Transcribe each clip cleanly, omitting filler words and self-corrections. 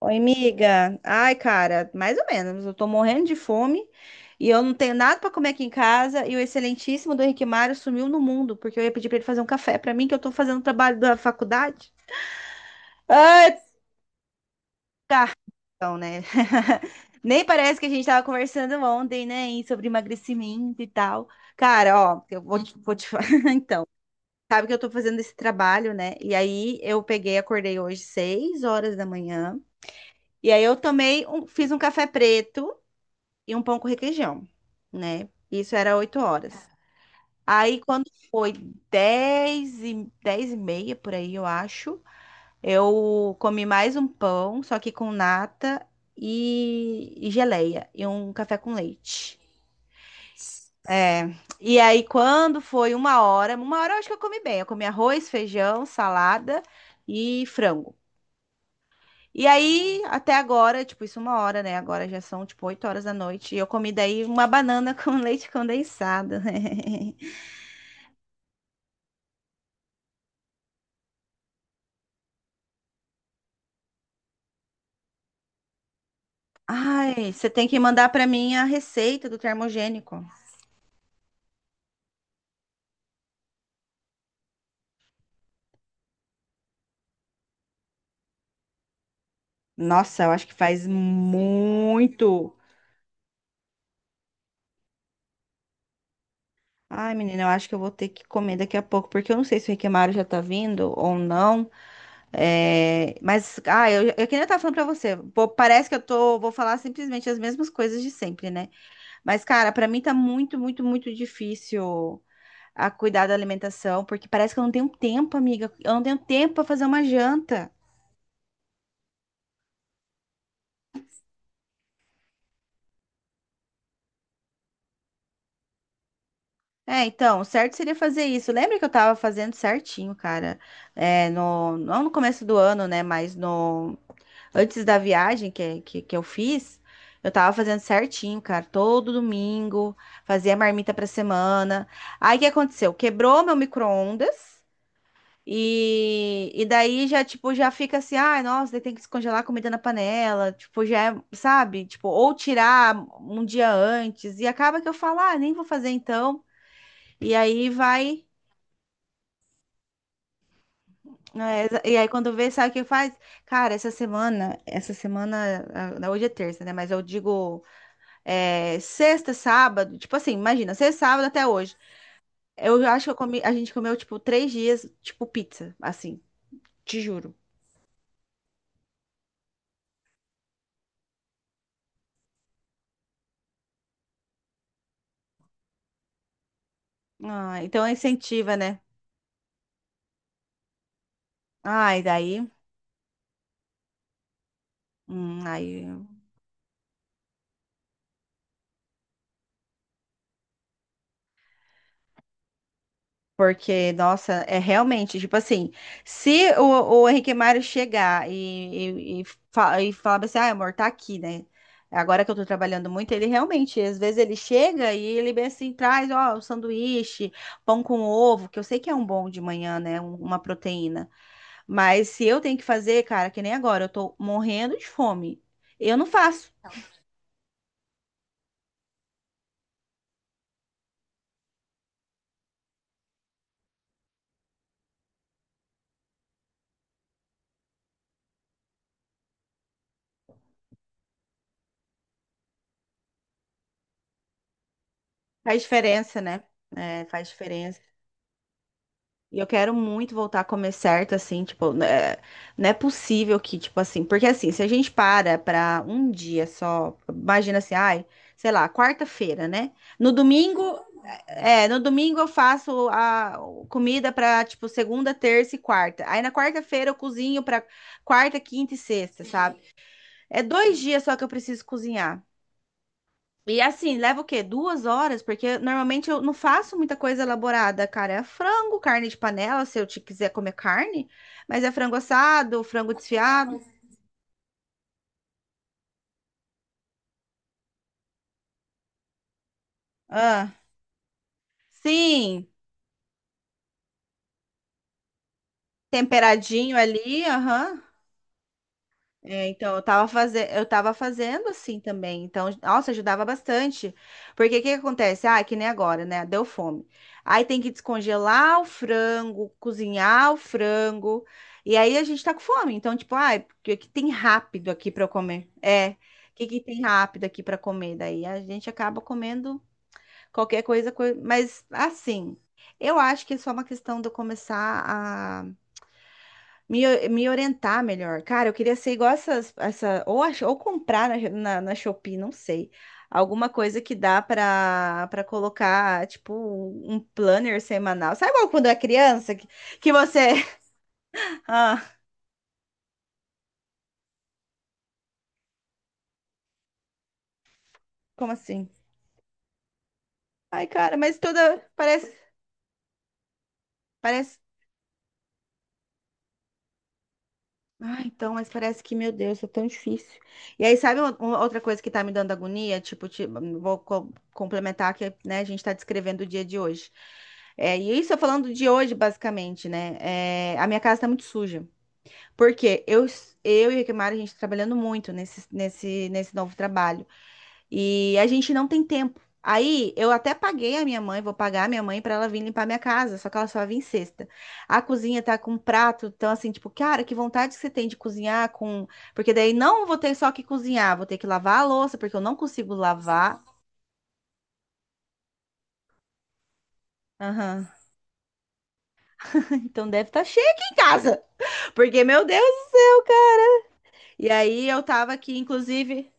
Oi, amiga. Ai, cara, mais ou menos. Eu tô morrendo de fome e eu não tenho nada pra comer aqui em casa. E o excelentíssimo do Henrique Mário sumiu no mundo, porque eu ia pedir pra ele fazer um café pra mim, que eu tô fazendo o trabalho da faculdade. Ai, cartão, né? Nem parece que a gente tava conversando ontem, né? Sobre emagrecimento e tal. Cara, ó, eu vou te... Sabe que eu tô fazendo esse trabalho, né? E aí eu peguei, acordei hoje 6 horas da manhã. E aí eu tomei um, fiz um café preto e um pão com requeijão, né? Isso era 8 horas. Aí quando foi dez e meia, por aí eu acho, eu comi mais um pão, só que com nata e geleia, e um café com leite. É, e aí quando foi uma hora eu acho que eu comi bem, eu comi arroz, feijão, salada e frango. E aí, até agora, tipo, isso é uma hora, né? Agora já são, tipo, 20h. E eu comi daí uma banana com leite condensado. Ai, você tem que mandar pra mim a receita do termogênico. Nossa, eu acho que faz muito. Ai, menina, eu acho que eu vou ter que comer daqui a pouco, porque eu não sei se o Riquemaro já tá vindo ou não. É, mas, ah, eu que nem eu tava falando pra você, pô, parece que eu tô, vou falar simplesmente as mesmas coisas de sempre, né? Mas, cara, pra mim tá muito, muito, muito difícil a cuidar da alimentação, porque parece que eu não tenho tempo, amiga. Eu não tenho tempo pra fazer uma janta. É, então, o certo seria fazer isso. Lembra que eu tava fazendo certinho, cara? É, não no começo do ano, né? Mas no, antes da viagem que eu fiz, eu tava fazendo certinho, cara. Todo domingo, fazia marmita pra semana. Aí o que aconteceu? Quebrou meu micro-ondas. E daí já, tipo, já fica assim, ai, nossa, daí tem que descongelar a comida na panela, tipo, já é, sabe? Tipo, ou tirar um dia antes, e acaba que eu falo, ah, nem vou fazer então. E aí vai, é, e aí quando vê, sabe o que faz? Cara, essa semana, ah, hoje é terça, né? Mas eu digo, é, sexta, sábado, tipo assim, imagina, sexta, sábado até hoje. Eu acho que eu comi, a gente comeu, tipo, 3 dias, tipo, pizza, assim, te juro. Ah, então é incentiva, né? Ai, daí. Aí, porque, nossa, é realmente, tipo assim, se o, o Henrique Mário chegar e falar assim, ah, amor, tá aqui, né? Agora que eu tô trabalhando muito, ele realmente, às vezes ele chega e ele bem assim, traz, ó, um sanduíche, pão com ovo, que eu sei que é um bom de manhã, né? Uma proteína. Mas se eu tenho que fazer, cara, que nem agora, eu tô morrendo de fome. Eu não faço. Faz diferença, né? É, faz diferença. E eu quero muito voltar a comer certo, assim, tipo, né, não é possível que, tipo assim, porque assim, se a gente para pra um dia só, imagina assim, ai, sei lá, quarta-feira, né? No domingo, é, no domingo eu faço a comida pra, tipo, segunda, terça e quarta. Aí na quarta-feira eu cozinho pra quarta, quinta e sexta, sabe? É 2 dias só que eu preciso cozinhar. E assim, leva o quê? 2 horas? Porque normalmente eu não faço muita coisa elaborada, cara. É frango, carne de panela, se eu te quiser comer carne. Mas é frango assado, frango desfiado. Ah, sim, temperadinho ali, aham. É, então, eu tava fazendo assim também. Então, nossa, ajudava bastante. Porque o que que acontece? Ah, é que nem agora, né? Deu fome. Aí tem que descongelar o frango, cozinhar o frango. E aí a gente tá com fome. Então, tipo, ai, o que que tem rápido aqui pra eu comer? É, o que que tem rápido aqui pra comer? Daí a gente acaba comendo qualquer coisa, mas assim, eu acho que é só uma questão de eu começar me orientar melhor. Cara, eu queria ser igual essas, ou comprar na Shopee, não sei. Alguma coisa que dá para colocar, tipo, um planner semanal. Sabe igual quando é criança que você. Ah, como assim? Ai, cara, mas toda. Parece. Ah, então, mas parece que, meu Deus, é tão difícil. E aí, sabe outra coisa que tá me dando agonia? Tipo, vou complementar que, né, a gente tá descrevendo o dia de hoje. É, e isso eu falando de hoje, basicamente, né? É, a minha casa tá muito suja. Porque eu e a Kimara, a gente tá trabalhando muito nesse novo trabalho. E a gente não tem tempo. Aí eu até paguei a minha mãe, vou pagar a minha mãe para ela vir limpar minha casa, só que ela só vem sexta. A cozinha tá com prato, então assim, tipo, cara, que vontade que você tem de cozinhar com, porque daí não vou ter só que cozinhar, vou ter que lavar a louça, porque eu não consigo lavar. Aham. Então deve estar cheio aqui em casa. Porque meu Deus do céu. E aí eu tava aqui, inclusive,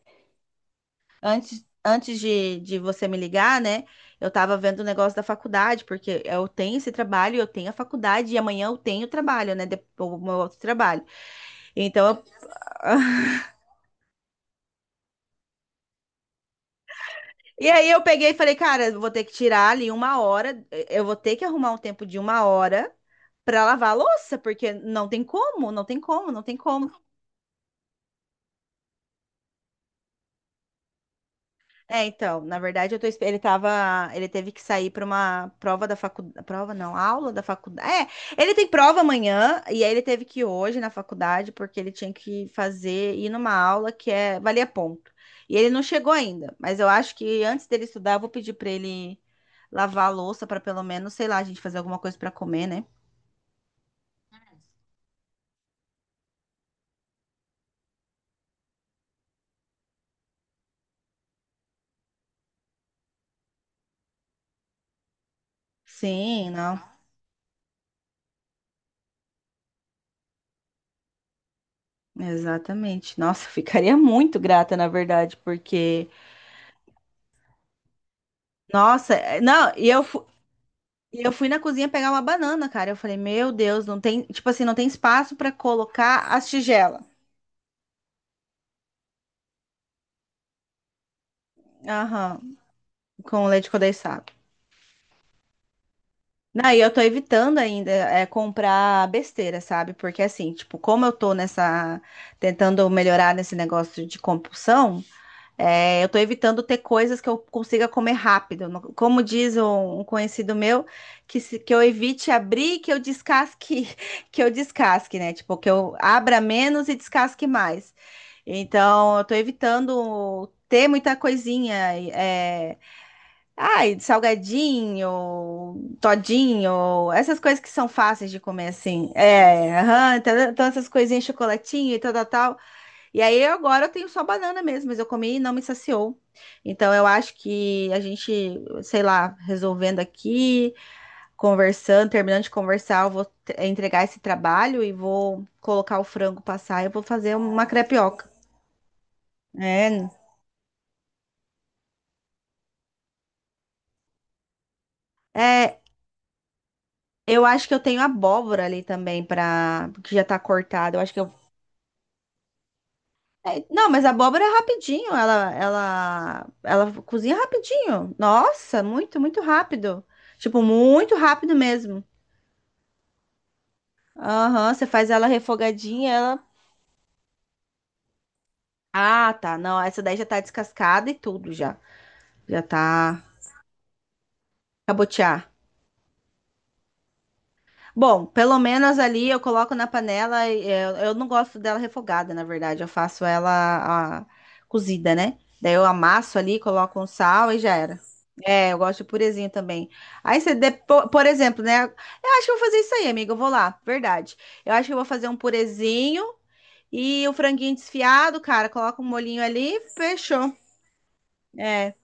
antes de você me ligar, né? Eu tava vendo o negócio da faculdade, porque eu tenho esse trabalho, eu tenho a faculdade, e amanhã eu tenho trabalho, né? O meu outro trabalho. Então, eu- e aí eu peguei e falei, cara, eu vou ter que tirar ali uma hora, eu vou ter que arrumar um tempo de uma hora pra lavar a louça, porque não tem como, não tem como, não tem como. É, então, na verdade, ele tava, ele teve que sair para uma prova da faculdade, prova não, aula da faculdade. É, ele tem prova amanhã e aí ele teve que ir hoje na faculdade porque ele tinha que fazer ir numa aula que é valia ponto. E ele não chegou ainda, mas eu acho que antes dele estudar, eu vou pedir para ele lavar a louça para pelo menos, sei lá, a gente fazer alguma coisa para comer, né? Sim, não. Exatamente. Nossa, eu ficaria muito grata, na verdade, porque nossa, não, e eu, e eu fui na cozinha pegar uma banana, cara. Eu falei, meu Deus, não tem, tipo assim, não tem espaço pra colocar as tigelas. Aham, com leite condensado. Daí eu tô evitando ainda é, comprar besteira, sabe? Porque assim, tipo, como eu tô nessa, tentando melhorar nesse negócio de compulsão, é, eu tô evitando ter coisas que eu consiga comer rápido. Como diz um conhecido meu, que, se- que eu evite abrir, que eu descasque, que eu descasque, né? Tipo, que eu abra menos e descasque mais. Então, eu tô evitando ter muita coisinha. É... Ai, salgadinho, todinho, essas coisas que são fáceis de comer assim. É, aham, então, então essas coisinhas, chocolatinho e tal, tal, tal. E aí agora eu tenho só banana mesmo, mas eu comi e não me saciou. Então eu acho que a gente, sei lá, resolvendo aqui, conversando, terminando de conversar, eu vou entregar esse trabalho e vou colocar o frango passar e eu vou fazer uma crepioca. É, é, eu acho que eu tenho abóbora ali também para que já tá cortada. Eu acho que eu é, não, mas a abóbora é rapidinho, ela cozinha rapidinho. Nossa, muito, muito rápido. Tipo, muito rápido mesmo. Aham, você faz ela refogadinha, ela. Ah, tá. Não, essa daí já tá descascada e tudo já. Já tá cabotear. Bom, pelo menos ali eu coloco na panela. Eu não gosto dela refogada, na verdade. Eu faço ela ah, cozida, né? Daí eu amasso ali, coloco um sal e já era. É, eu gosto de purezinho também. Aí você, depo... por exemplo, né? Eu acho que eu vou fazer isso aí, amiga. Eu vou lá, verdade. Eu acho que eu vou fazer um purezinho e o franguinho desfiado, cara. Coloca um molhinho ali, fechou. É,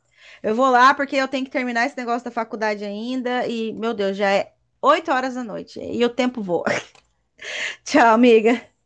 eu vou lá porque eu tenho que terminar esse negócio da faculdade ainda e, meu Deus, já é 20h e o tempo voa. Tchau, amiga.